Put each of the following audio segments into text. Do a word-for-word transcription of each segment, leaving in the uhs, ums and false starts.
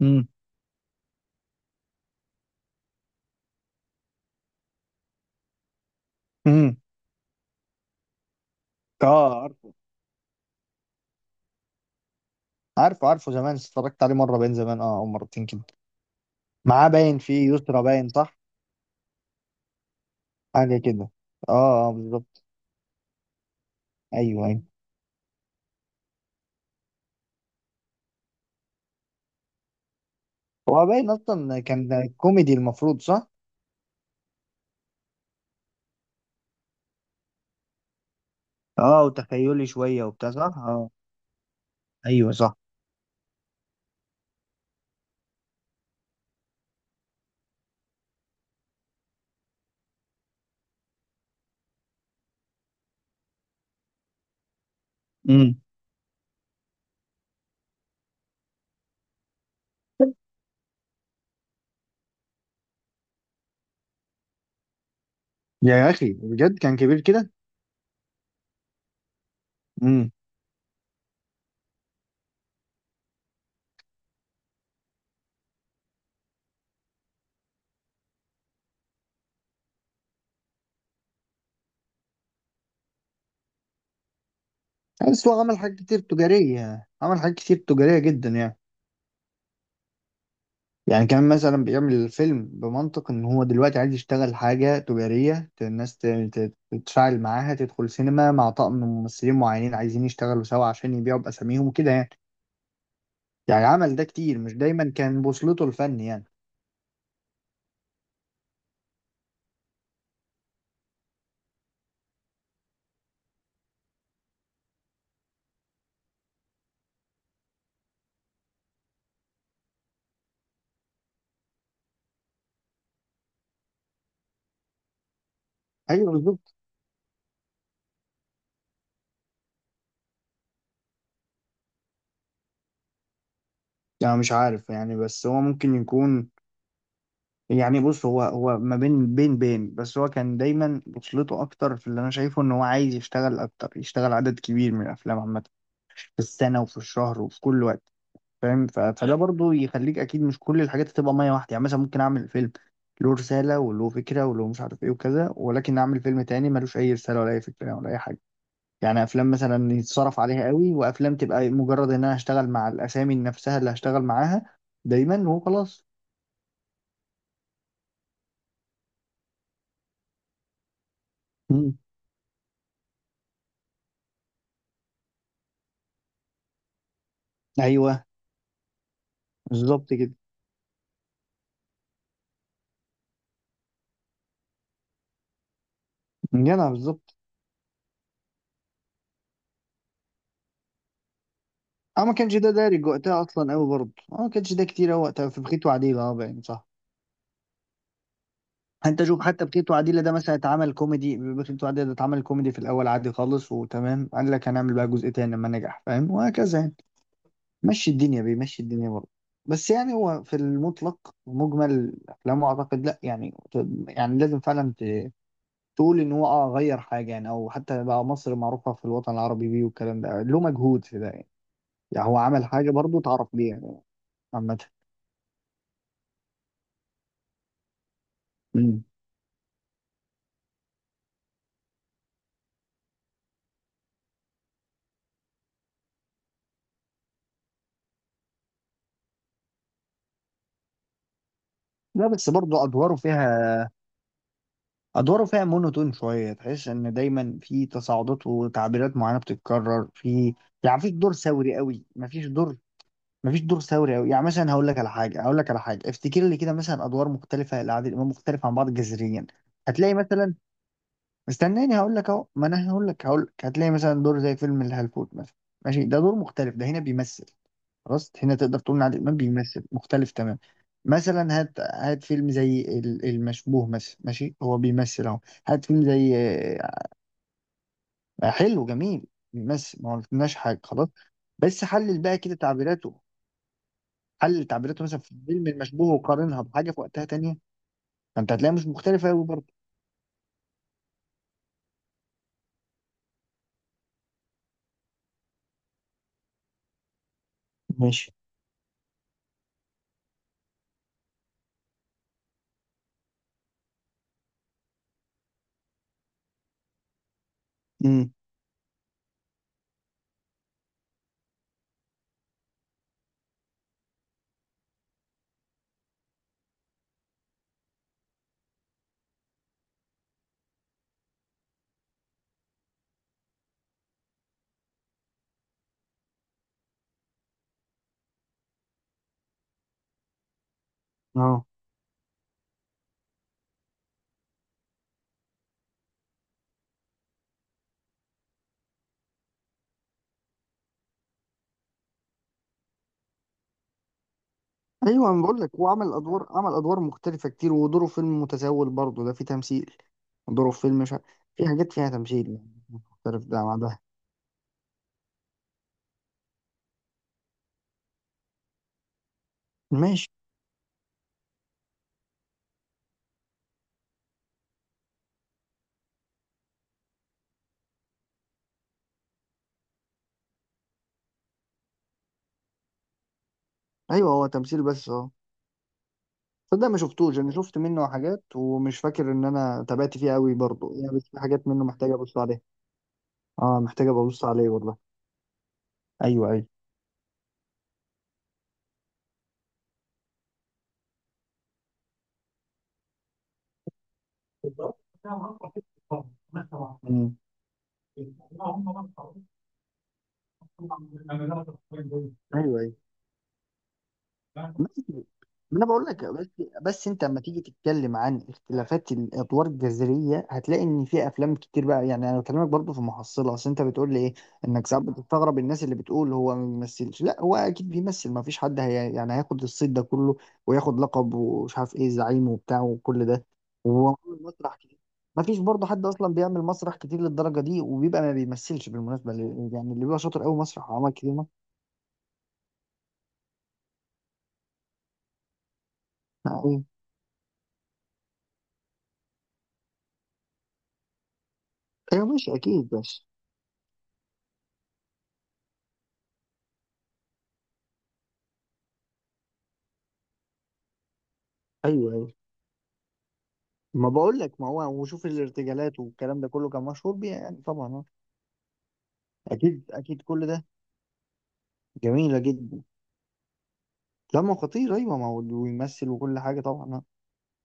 امم. امم. اه، عارفه. عارفه، عارفه، زمان اتفرجت عليه مره، باين زمان، اه، او مرتين كده. معاه، باين فيه يسرا، باين، صح؟ حاجه كده. اه، اه، بالظبط. ايوه، ايوه. هو باين اصلا كان كوميدي، المفروض، صح؟ اه، وتخيلي شويه وبتاع، صح، اه. ايوه، صح. امم. يا اخي، بجد كان كبير كده. امم. بس هو عمل حاجات كتير تجاريه، عمل حاجات كتير تجاريه جدا يعني. يعني كمان مثلا بيعمل الفيلم بمنطق ان هو دلوقتي عايز يشتغل حاجة تجارية، ت- الناس ت- ت- تتفاعل معاها، تدخل سينما مع طقم ممثلين معينين عايزين يشتغلوا سوا عشان يبيعوا بأساميهم وكده يعني. يعني عمل ده كتير، مش دايما كان بوصلته الفن يعني. ايوه، بالظبط. يعني مش عارف يعني، بس هو ممكن يكون. يعني بص، هو هو ما بين بين بين، بس هو كان دايما بوصلته اكتر في اللي انا شايفه ان هو عايز يشتغل اكتر، يشتغل عدد كبير من الافلام عامة في السنة وفي الشهر وفي كل وقت. فاهم؟ ف- فده برضو يخليك اكيد مش كل الحاجات تبقى ميه واحده يعني. مثلا ممكن اعمل فيلم له رساله وله فكره وله مش عارف ايه وكذا، ولكن اعمل فيلم تاني ملوش اي رساله ولا اي فكره ولا اي حاجه. يعني افلام مثلا يتصرف عليها قوي، وافلام تبقى مجرد ان انا هشتغل مع الاسامي نفسها اللي هشتغل معاها دايما وخلاص. مم. ايوه، بالظبط كده. جدع، بالظبط. اه، ما كانش ده دارج وقتها اصلا قوي برضه، اه ما كانش ده كتير أوي وقتها في بخيت وعديل، اه، باين، صح. انت شوف حتى بخيت وعديلة ده مثلا اتعمل كوميدي، بخيت وعديلة ده اتعمل كوميدي في الاول عادي خالص وتمام، قال لك هنعمل بقى جزء تاني لما نجح، فاهم، وهكذا يعني. مشي الدنيا، بيمشي الدنيا برضه. بس يعني هو في المطلق مجمل افلامه اعتقد لا يعني. يعني لازم فعلا ت- تقول ان هو، اه، غير حاجه يعني، او حتى بقى مصر معروفه في الوطن العربي بيه، والكلام ده له مجهود في ده يعني، يعني هو عمل حاجه برضه تعرف بيها يعني. عامه. مم. لا، بس برضه ادواره فيها، ادواره فيها مونوتون شويه. تحس ان دايما في تصاعدات وتعبيرات معينه بتتكرر في. يعني مفيش دور ثوري قوي، مفيش دور، مفيش دور ثوري قوي، يعني مثلا هقول لك على حاجه، هقول لك على حاجه، افتكر لي كده، مثلا ادوار مختلفه لعادل امام مختلفه عن بعض جذريا. هتلاقي مثلا، استناني هقول لك، اهو ما انا هقول لك، هقول لك، هتلاقي مثلا دور زي فيلم الهلفوت مثلا. ماشي، ده دور مختلف، ده هنا بيمثل. خلاص، هنا تقدر تقول ان عادل امام بيمثل مختلف تمام. مثلا هات، هات فيلم زي ال- المشبوه مثلا، ماشي، هو بيمثل اهو. هات فيلم زي. آه، حلو، جميل. بيمثل ما قلناش حاجه، خلاص. بس حلل بقى كده تعبيراته. حلل تعبيراته مثلا في فيلم المشبوه وقارنها بحاجه في وقتها تانية، فانت هتلاقيها مش مختلفه قوي برضه. ماشي. امم. اه. ايوه، انا بقول لك هو عمل ادوار، عمل ادوار مختلفه كتير، ودوره في فيلم متسول برضه ده فيه تمثيل، دوره في فيلم مش ع- في حاجات فيها تمثيل يعني، مختلف، ده مع ده. ماشي. ايوه، هو تمثيل، بس اه، صدق ما شفتوش، انا شفت منه حاجات ومش فاكر ان انا تابعت فيه قوي برضه يعني، بس في حاجات منه محتاجه ابص عليها. اه، محتاجه ابص عليه والله. ايوه، ايوه. امم. ايوه، ايوه. ماشي. ما انا بقول لك، بس بس انت لما تيجي تتكلم عن اختلافات الادوار الجذريه، هتلاقي ان في افلام كتير بقى يعني. انا بكلمك برضو في محصله، اصل انت بتقول لي ايه، انك ساعات بتستغرب الناس اللي بتقول هو ما بيمثلش. لا، هو اكيد بيمثل، ما فيش حد هي يعني هياخد الصيت ده كله وياخد لقب، ومش عارف ايه، زعيم، وبتاع وكل ده. وعامل مسرح كتير. ما فيش برضه حد اصلا بيعمل مسرح كتير للدرجه دي وبيبقى ما بيمثلش، بالمناسبه، اللي- يعني اللي بيبقى شاطر قوي مسرح وعمل كتير مسرح. ايوه، أيوة، ماشي، اكيد، ماشي. ايوه، أيوة. ما بقول لك، ما هو وشوف الارتجالات والكلام ده كله كان مشهور بيها يعني، طبعا، آه. اكيد، اكيد، كل ده. جميله جدا. لما خطير، ايوه، ما هو ويمثل وكل حاجه طبعا، آه.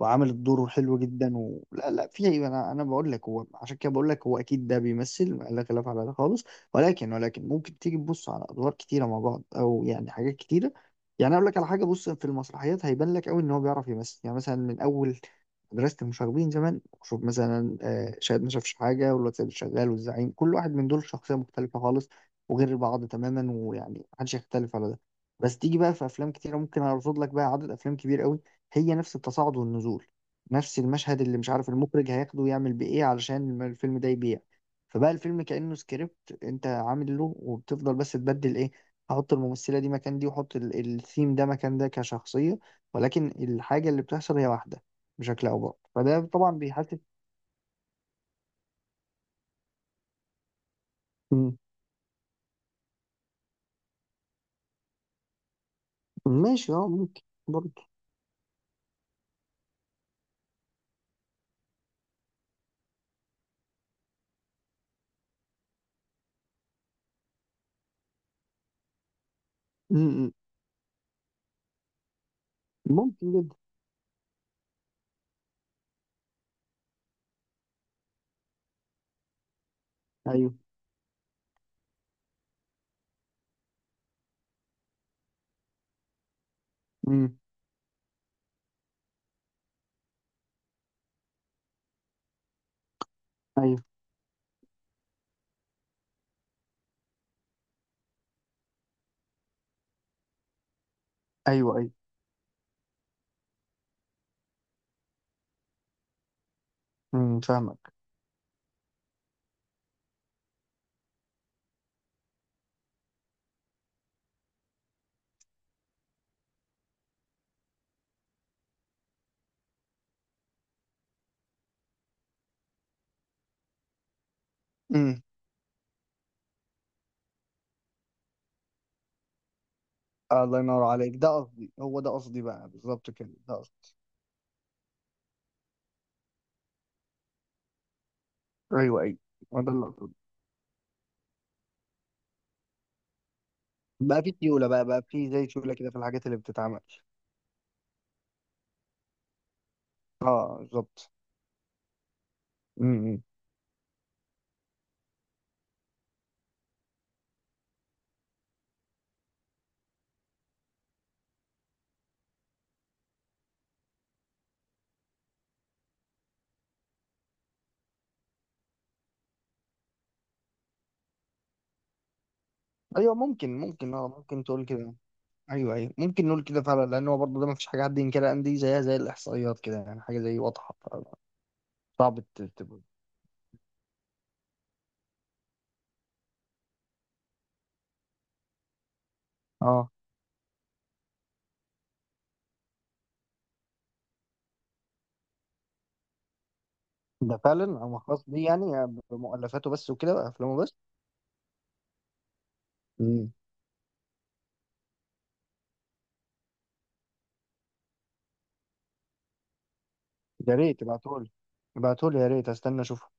وعامل الدور حلو جدا، و... لا، لا. في، انا انا بقول لك هو، عشان كده بقول لك هو اكيد ده بيمثل، لا خلاف على ده خالص. ولكن ولكن ممكن تيجي تبص على ادوار كتيره مع بعض، او يعني حاجات كتيره. يعني اقول لك على حاجه، بص، في المسرحيات هيبان لك قوي ان هو بيعرف يمثل. يعني مثلا من اول مدرسه المشاغبين زمان، شوف مثلا آه، شاهد ما شافش حاجه، والواد سيد الشغال، والزعيم، كل واحد من دول شخصيه مختلفه خالص وغير بعض تماما، ويعني محدش يختلف على ده. بس تيجي بقى في افلام كتيره، ممكن ارصد لك بقى عدد افلام كبير قوي هي نفس التصاعد والنزول، نفس المشهد اللي مش عارف المخرج هياخده ويعمل بيه ايه علشان الم- الفيلم ده يبيع. فبقى الفيلم كأنه سكريبت انت عامل له، وبتفضل بس تبدل ايه، احط الممثلة دي مكان دي، واحط ال- الثيم ده مكان ده كشخصية. ولكن الحاجة اللي بتحصل هي واحدة بشكل او باخر، فده طبعا بيحسس. مم. ماشي، اه، ممكن، برضه. مم. ممكن جدا. ايوه. مم. ايوه، ايوه. ايوه. مم. فاهمك. مم. الله ينور عليك، ده قصدي، هو ده قصدي بقى، بالظبط كده، ده قصدي. ايوه، ايوه، هو ده اللي اقصده. بقى في سيوله، بقى بقى في زي سيوله كده في الحاجات اللي بتتعمل. اه، بالظبط. امم. إمم. ايوه، ممكن، ممكن، اه ممكن تقول كده. ايوه، ايوه، ممكن نقول كده فعلا. لان هو برضه ده ما فيش حاجه حد ينكرها ان دي زيها زي الاحصائيات كده يعني حاجه زي واضحه. صعب ت- تبقى. اه، ده فعلا هو خاص بيه يعني بمؤلفاته بس وكده افلامه بس. امم. يا ريت ابعتهولي. ابعتهولي يا ريت، استنى اشوفه.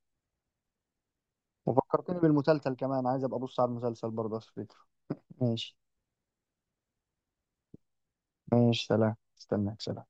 وفكرتني بالمسلسل كمان، عايز ابقى ابص على المسلسل برضه، بس فكرة. ماشي. ماشي، سلام، استناك، سلام.